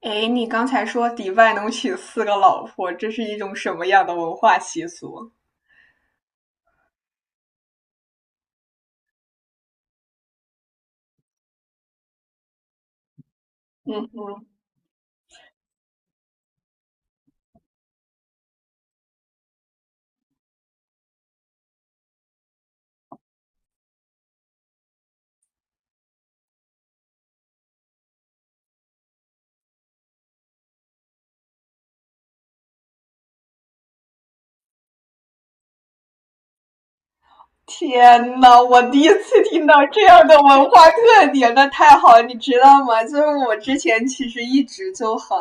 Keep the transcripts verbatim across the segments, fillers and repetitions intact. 哎，你刚才说迪拜能娶四个老婆，这是一种什么样的文化习俗？嗯哼。天呐，我第一次听到这样的文化特点，那太好了，你知道吗？就是我之前其实一直就很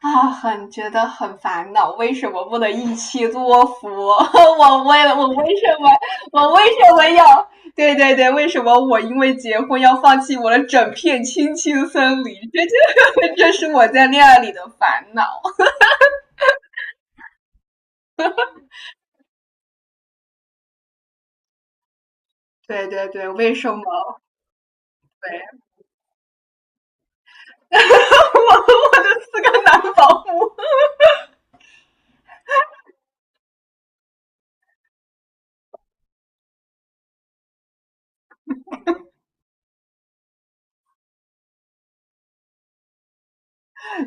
啊，很觉得很烦恼，为什么不能一妻多夫？我为了我为什么我为什么要？对对对，为什么我因为结婚要放弃我的整片青青森林？这就这是我在恋爱里的烦恼。对对对，为什么？对。我我的四个男保姆。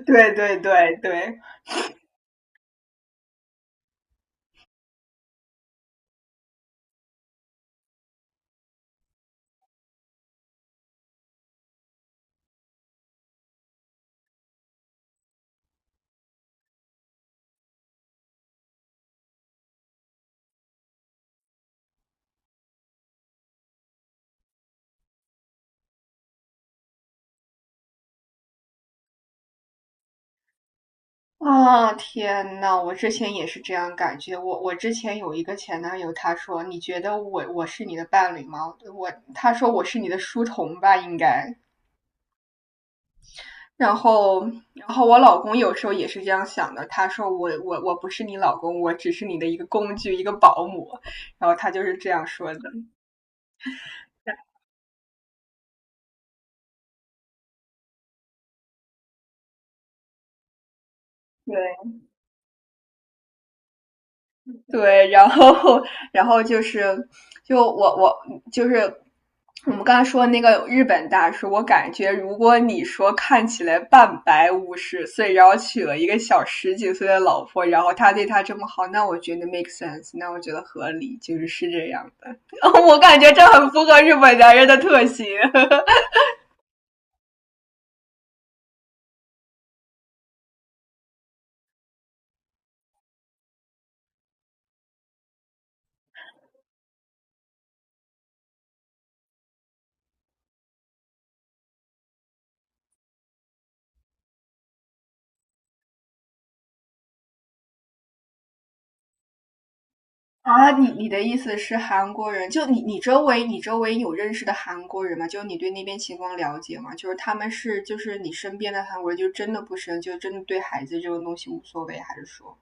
对对对对。啊，天呐，我之前也是这样感觉。我我之前有一个前男友，他说："你觉得我我是你的伴侣吗？"我他说我是你的书童吧，应该。然后，然后我老公有时候也是这样想的。他说我我我不是你老公，我只是你的一个工具，一个保姆。然后他就是这样说的。对。对，然后然后就是就我我就是。我们刚才说那个日本大叔，我感觉如果你说看起来半百五十岁，然后娶了一个小十几岁的老婆，然后他对他这么好，那我觉得 make sense,那我觉得合理，就是是这样。我感觉这很符合日本男人的特性。啊，你你的意思是韩国人？就你你周围你周围有认识的韩国人吗？就是你对那边情况了解吗？就是他们是就是你身边的韩国人，就真的不生，就真的对孩子这种东西无所谓，还是说？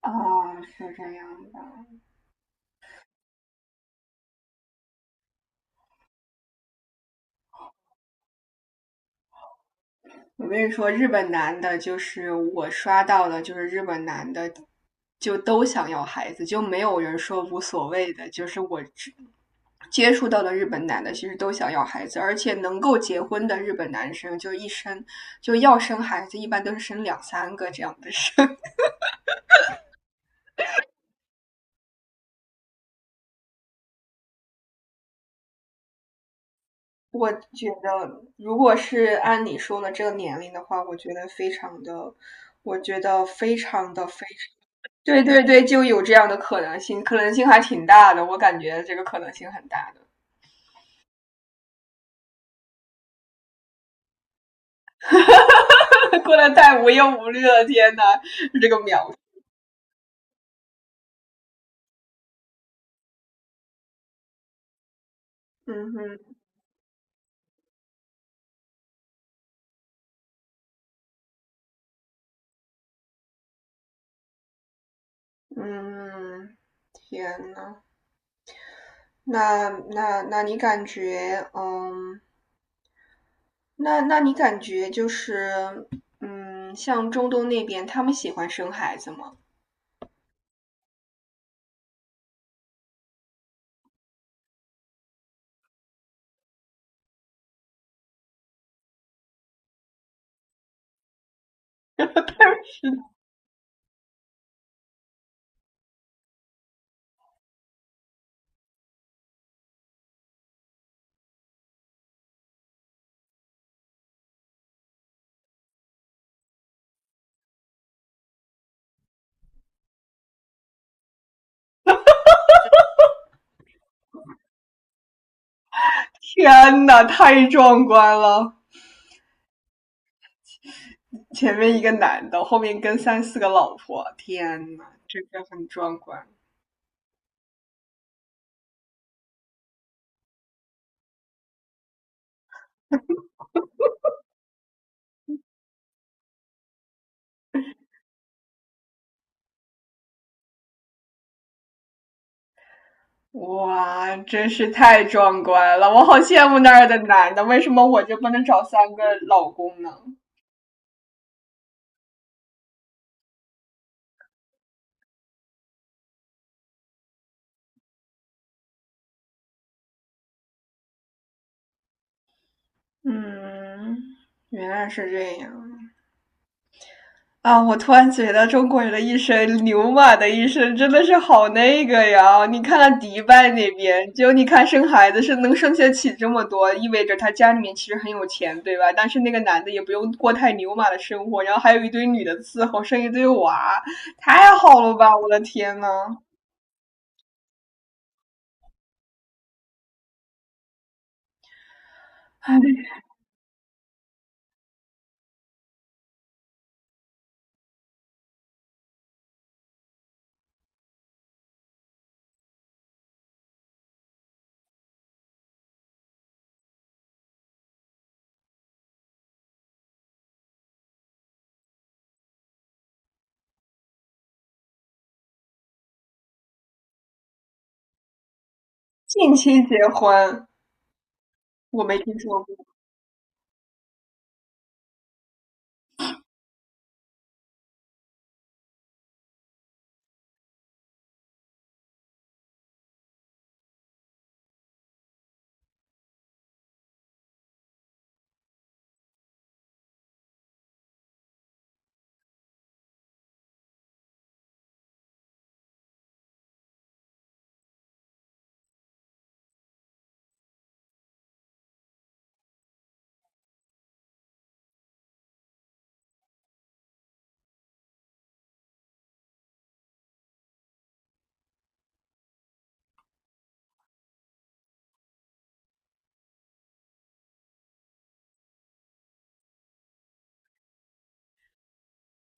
啊，是这样的。我跟你说，日本男的，就是我刷到的，就是日本男的，就都想要孩子，就没有人说无所谓的。就是我只接触到的日本男的，其实都想要孩子，而且能够结婚的日本男生，就一生就要生孩子，一般都是生两三个这样的生。我觉得，如果是按你说的这个年龄的话，我觉得非常的，我觉得非常的非。对对对，就有这样的可能性，可能性还挺大的，我感觉这个可能性很大的。过得太无忧无虑了，天呐，这个描述。嗯哼。嗯，天呐，那那那你感觉，嗯，那那你感觉就是，嗯，像中东那边，他们喜欢生孩子吗？天呐，太壮观了！前面一个男的，后面跟三四个老婆，天呐，这个很壮观。哇，真是太壮观了！我好羡慕那儿的男的，为什么我就不能找三个老公呢？嗯，原来是这样啊！我突然觉得中国人的一生，牛马的一生真的是好那个呀！你看看迪拜那边，就你看生孩子是能生下起这么多，意味着他家里面其实很有钱，对吧？但是那个男的也不用过太牛马的生活，然后还有一堆女的伺候，生一堆娃，太好了吧！我的天呐！唉，近亲结婚，我没听说过。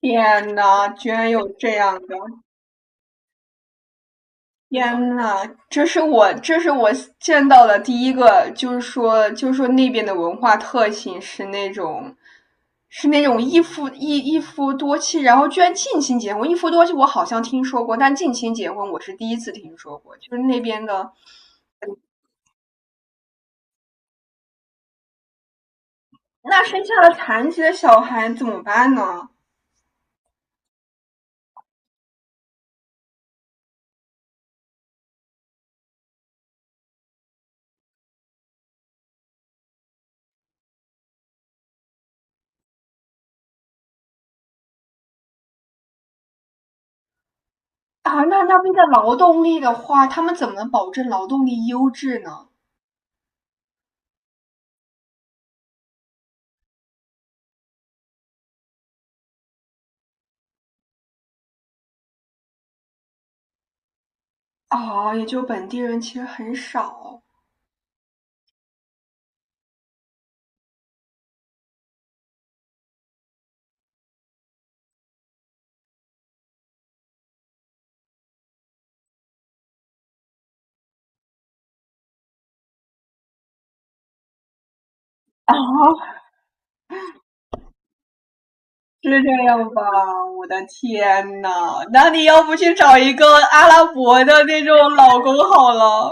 天呐，居然有这样的！天呐，这是我这是我见到的第一个，就是说就是说那边的文化特性是那种。是那种一夫一一夫多妻，然后居然近亲结婚。一夫多妻我好像听说过，但近亲结婚我是第一次听说过。就是那边的，那生下了残疾的小孩怎么办呢？啊，那那边的劳动力的话，他们怎么能保证劳动力优质呢？啊，也就本地人其实很少。啊，是这样吧？我的天呐，那你要不去找一个阿拉伯的那种老公好了？